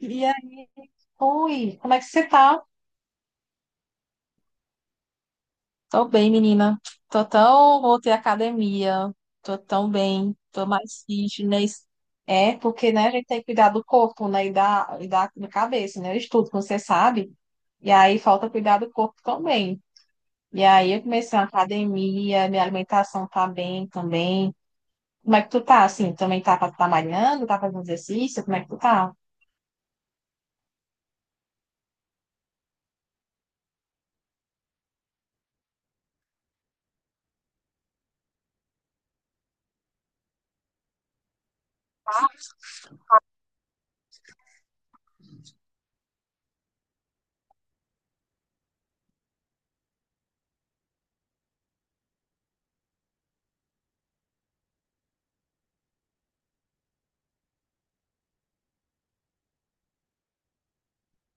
E aí, oi, como é que você tá? Tô bem, menina. Tô tão, voltei à academia. Tô tão bem, tô mais fitness. É, porque, né, a gente tem que cuidar do corpo, né, da cabeça, né? Eu estudo, como você sabe. E aí falta cuidar do corpo também. E aí eu comecei a academia, minha alimentação tá bem também. Como é que tu tá, assim? Também tá malhando? Tá fazendo exercício? Como é que tu tá?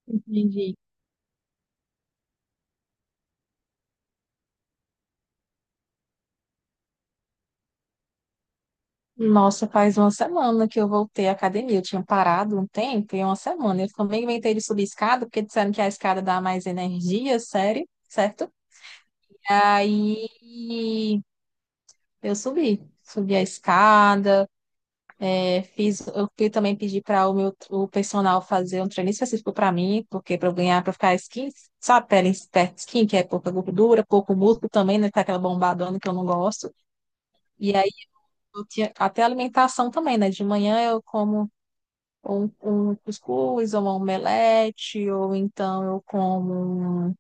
Entendi. Nossa, faz uma semana que eu voltei à academia. Eu tinha parado um tempo e uma semana. Eu também inventei de subir escada, porque disseram que a escada dá mais energia, sério, certo? Aí eu subi. Subi a escada, é, fiz, eu fui também pedir para o personal fazer um treino específico para mim, porque para eu ganhar, para ficar skin, sabe, pele esperta skin, que é pouca gordura, pouco músculo também, né? Tá aquela bombadona que eu não gosto. E aí eu tinha até alimentação também, né? De manhã eu como um cuscuz, ou uma omelete, ou então eu como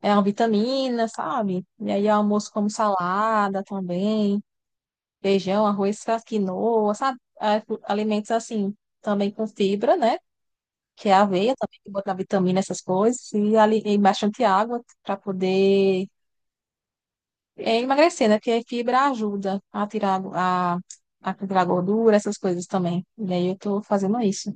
é uma vitamina, sabe? E aí almoço como salada também, feijão, arroz, faz quinoa, sabe? Ah, alimentos assim, também com fibra, né? Que é aveia também, que botar vitamina, essas coisas, e, ali, e bastante água para poder emagrecer, né? Porque a fibra ajuda a tirar a tirar gordura, essas coisas também. E aí eu tô fazendo isso.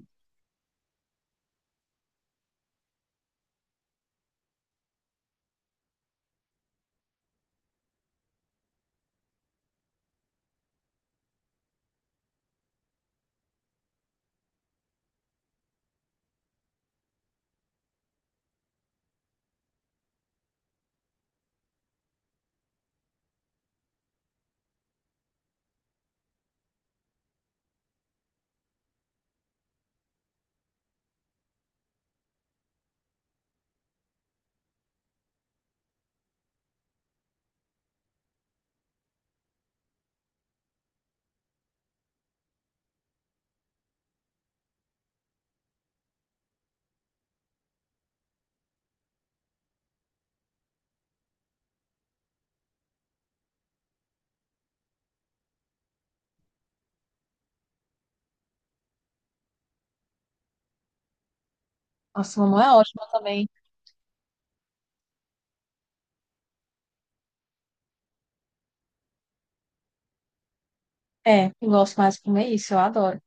Nossa, mamãe é ótima também. É, eu gosto mais de comer isso, eu adoro.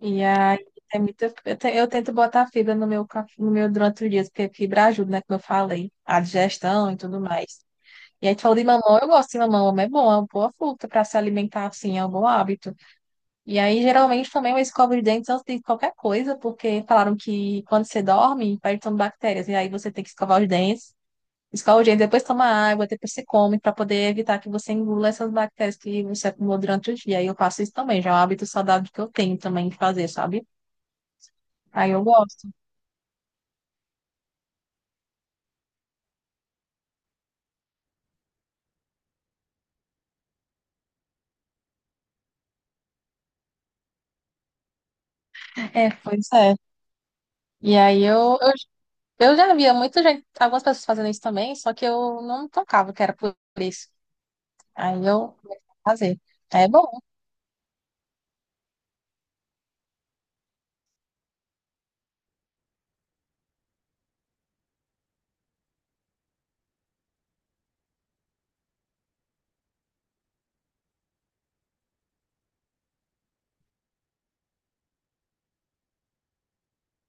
E aí é muito, eu, eu tento botar fibra no meu, no meu durante o dia, porque fibra ajuda, né? Como eu falei, a digestão e tudo mais. E aí tu falou de mamão, eu gosto de mamão, mamão é bom, é uma boa fruta para se alimentar assim, é um bom hábito. E aí, geralmente, também eu escovo os dentes antes de qualquer coisa, porque falaram que quando você dorme, vai entrando bactérias, e aí você tem que escovar os dentes. Escova o dente, depois toma água, depois você come, para poder evitar que você engula essas bactérias que você acumulou durante o dia. E eu faço isso também, já é um hábito saudável que eu tenho também de fazer, sabe? Aí eu gosto. É, pois é. E aí eu já via muita gente, algumas pessoas fazendo isso também, só que eu não tocava que era por isso. Aí eu comecei a fazer. É bom,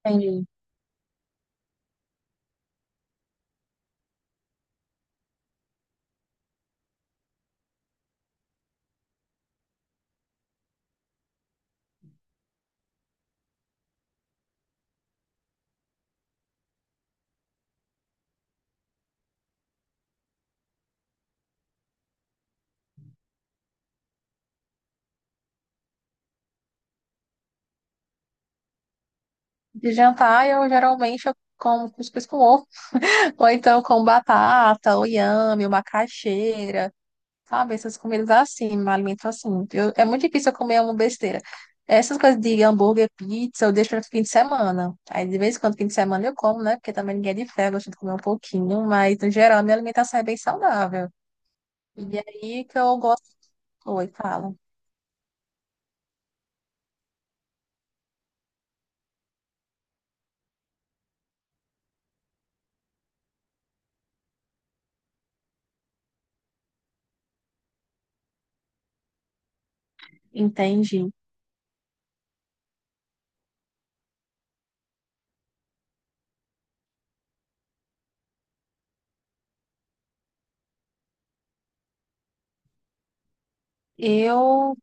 entendi. De jantar, eu geralmente eu como cuscuz com ovo, ou então com batata, ou inhame, ou macaxeira. Sabe, essas comidas assim, me alimento assim. Eu, é muito difícil eu comer uma besteira. Essas coisas de hambúrguer, pizza, eu deixo para fim de semana. Aí, de vez em quando, fim de semana eu como, né? Porque também ninguém é de ferro, eu gosto de comer um pouquinho. Mas, no geral, minha alimentação é bem saudável. E é aí que eu gosto. Oi, fala. Entendi. Eu,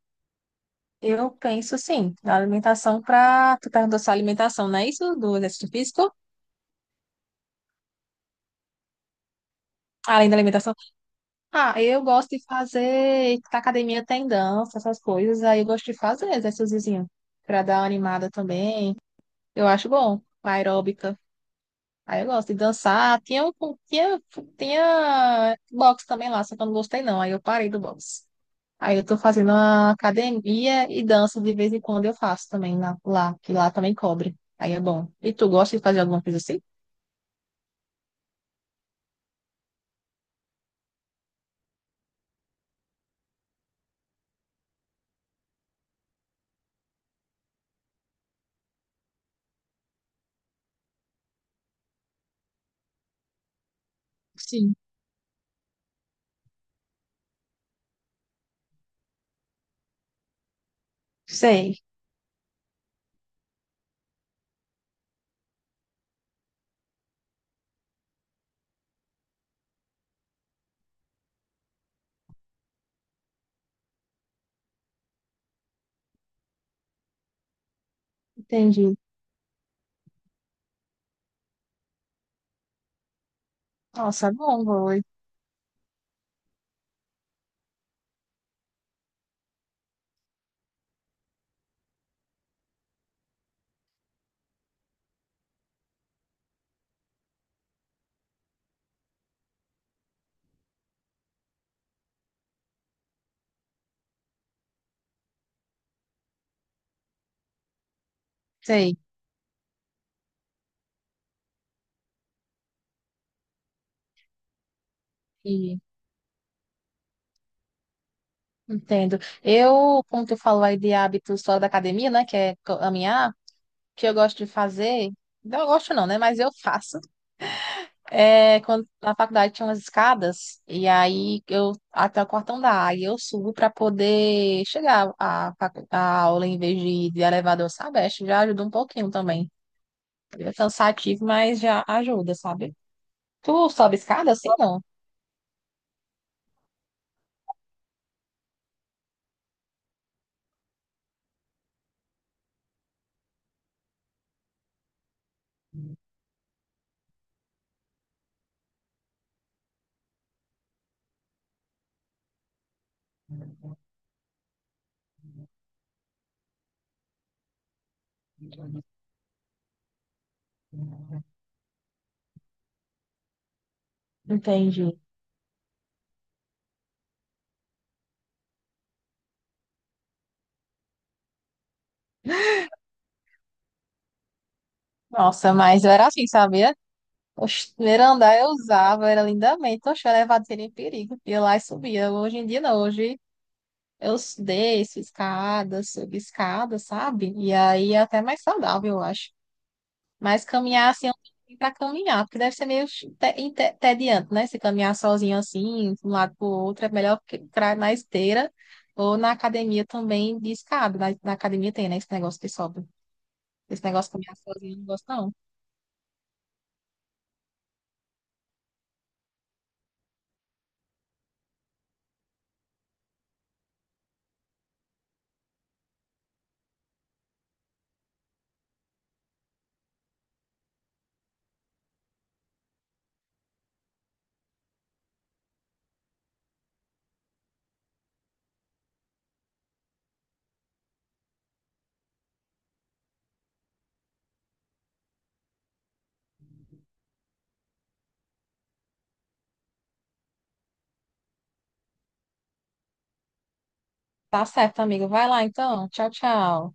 eu penso, sim, na alimentação para... Tu perguntou sua alimentação, não é isso? Do exercício físico? Além da alimentação. Ah, eu gosto de fazer, na academia tem dança, essas coisas, aí eu gosto de fazer exercíciozinho, pra dar uma animada também. Eu acho bom, aeróbica. Aí eu gosto de dançar. Tinha, tinha boxe também lá, só que eu não gostei não, aí eu parei do boxe. Aí eu tô fazendo uma academia e dança de vez em quando eu faço também lá, que lá também cobre. Aí é bom. E tu gosta de fazer alguma coisa assim? Sim. Sei, entendi. Nossa, é bom, vou. Sei. Entendo. Eu, como tu falou aí de hábitos fora da academia, né, que é caminhar, o que eu gosto de fazer, não eu gosto não, né, mas eu faço. É, quando na faculdade tinha umas escadas, e aí eu, até o quartão da A, e eu subo para poder chegar à, à aula em vez de ir de elevador, sabe? Acho que já ajuda um pouquinho também. É cansativo, mas já ajuda, sabe? Tu sobe escada assim, não? Entendi. Nossa, mas eu era assim, sabe? Oxe, primeiro andar eu usava, era lindamente. Oxe, o elevador seria em perigo. Ia lá e subia. Hoje em dia não, hoje eu desço escada, subo escada, sabe? E aí é até mais saudável, eu acho. Mas caminhar assim, eu não tenho pra caminhar, porque deve ser meio entediante, né? Se caminhar sozinho assim, de um lado pro outro, é melhor que pra, na esteira ou na academia também de escada. Na academia tem, né? Esse negócio que sobe. Esse negócio de caminhar sozinho, eu não gosto não. Tá certo, amigo. Vai lá então. Tchau, tchau.